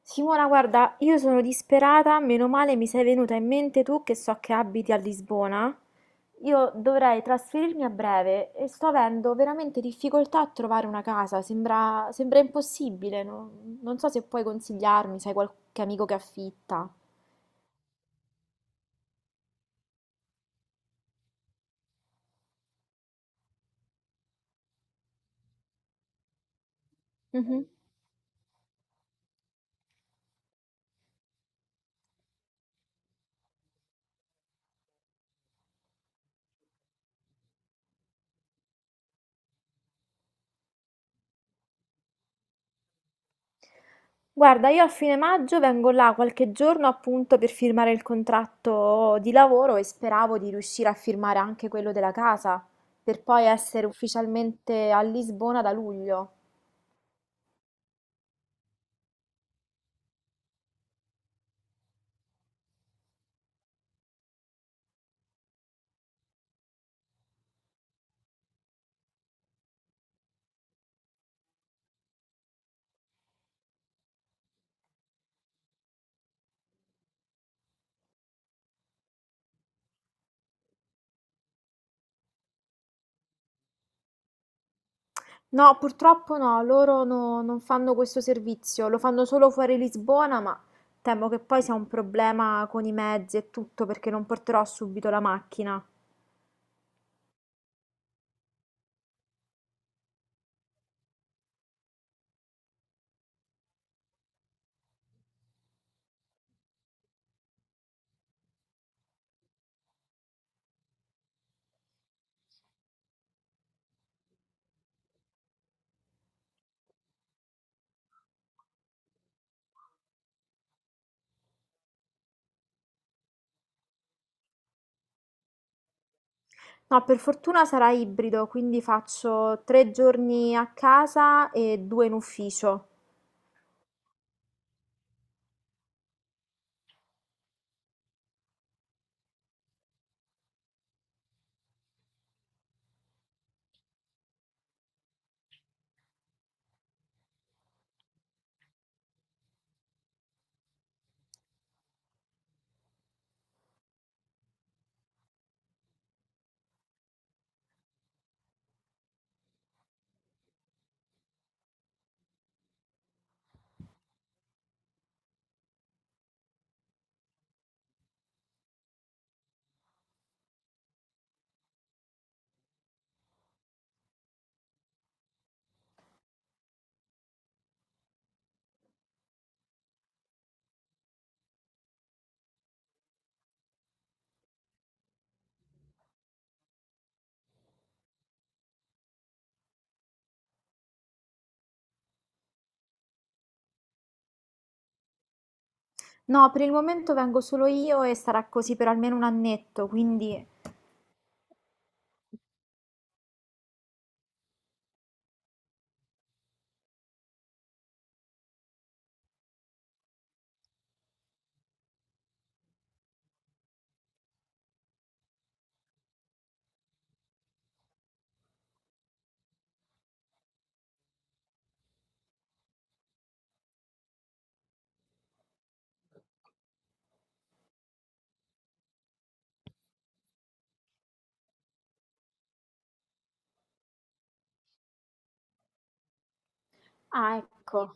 Simona, guarda, io sono disperata, meno male mi sei venuta in mente tu che so che abiti a Lisbona. Io dovrei trasferirmi a breve e sto avendo veramente difficoltà a trovare una casa, sembra impossibile, non so se puoi consigliarmi, sai qualche amico che affitta. Mhm. Guarda, io a fine maggio vengo là qualche giorno appunto per firmare il contratto di lavoro e speravo di riuscire a firmare anche quello della casa, per poi essere ufficialmente a Lisbona da luglio. No, purtroppo no, loro no- non fanno questo servizio, lo fanno solo fuori Lisbona, ma temo che poi sia un problema con i mezzi e tutto perché non porterò subito la macchina. No, per fortuna sarà ibrido, quindi faccio tre giorni a casa e due in ufficio. No, per il momento vengo solo io e sarà così per almeno un annetto, quindi. Ah, ecco.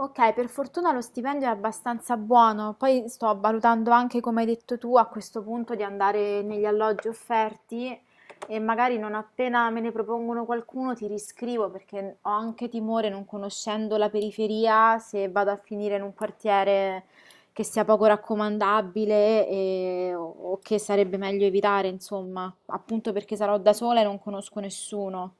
Okay, per fortuna lo stipendio è abbastanza buono, poi sto valutando anche, come hai detto tu, a questo punto di andare negli alloggi offerti e magari non appena me ne propongono qualcuno ti riscrivo perché ho anche timore, non conoscendo la periferia, se vado a finire in un quartiere che sia poco raccomandabile o che sarebbe meglio evitare, insomma, appunto perché sarò da sola e non conosco nessuno.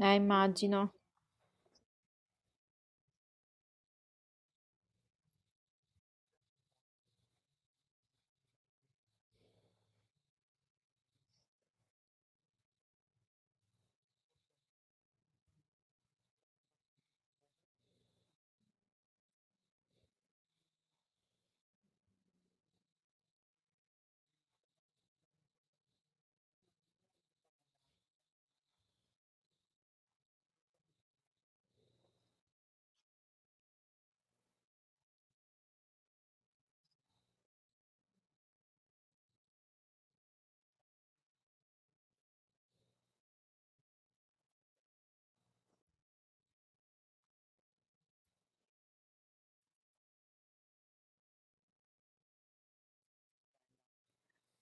Immagino.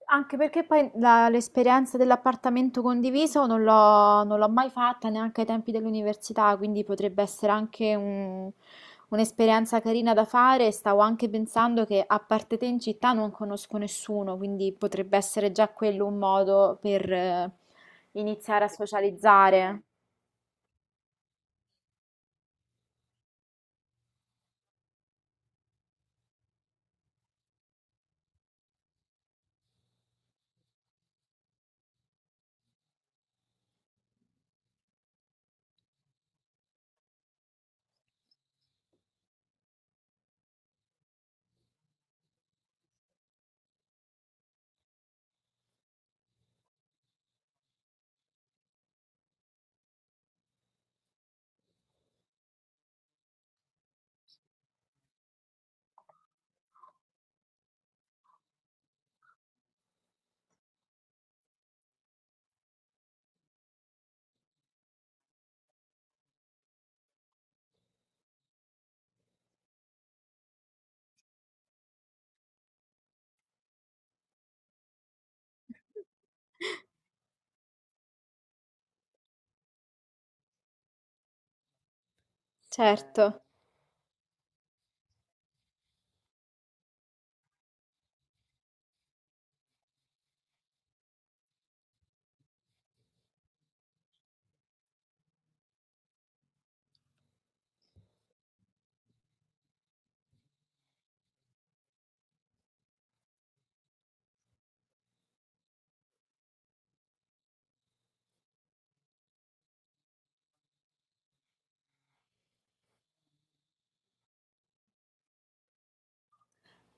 Anche perché poi l'esperienza dell'appartamento condiviso non l'ho mai fatta neanche ai tempi dell'università, quindi potrebbe essere anche un'esperienza carina da fare. Stavo anche pensando che a parte te in città non conosco nessuno, quindi potrebbe essere già quello un modo per iniziare a socializzare. Certo.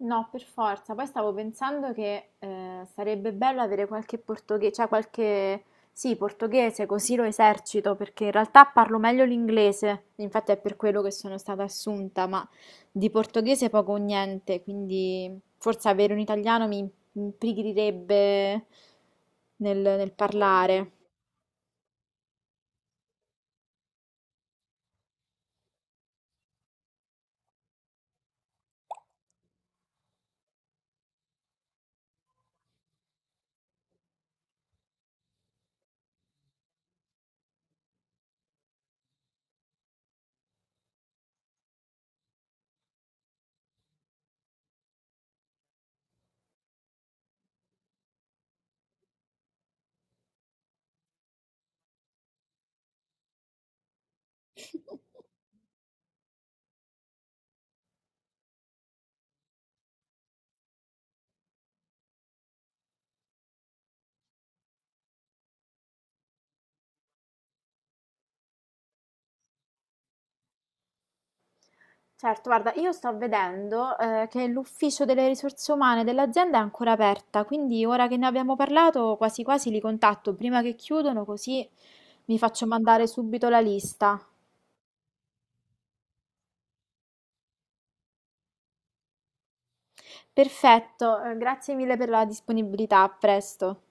No, per forza. Poi stavo pensando che sarebbe bello avere qualche portoghese, cioè qualche... Sì, portoghese, così lo esercito, perché in realtà parlo meglio l'inglese, infatti è per quello che sono stata assunta, ma di portoghese poco o niente, quindi forse avere un italiano mi imprigrirebbe nel parlare. Certo, guarda, io sto vedendo, che l'ufficio delle risorse umane dell'azienda è ancora aperta, quindi ora che ne abbiamo parlato, quasi quasi li contatto prima che chiudono, così mi faccio mandare subito la lista. Perfetto, grazie mille per la disponibilità, a presto.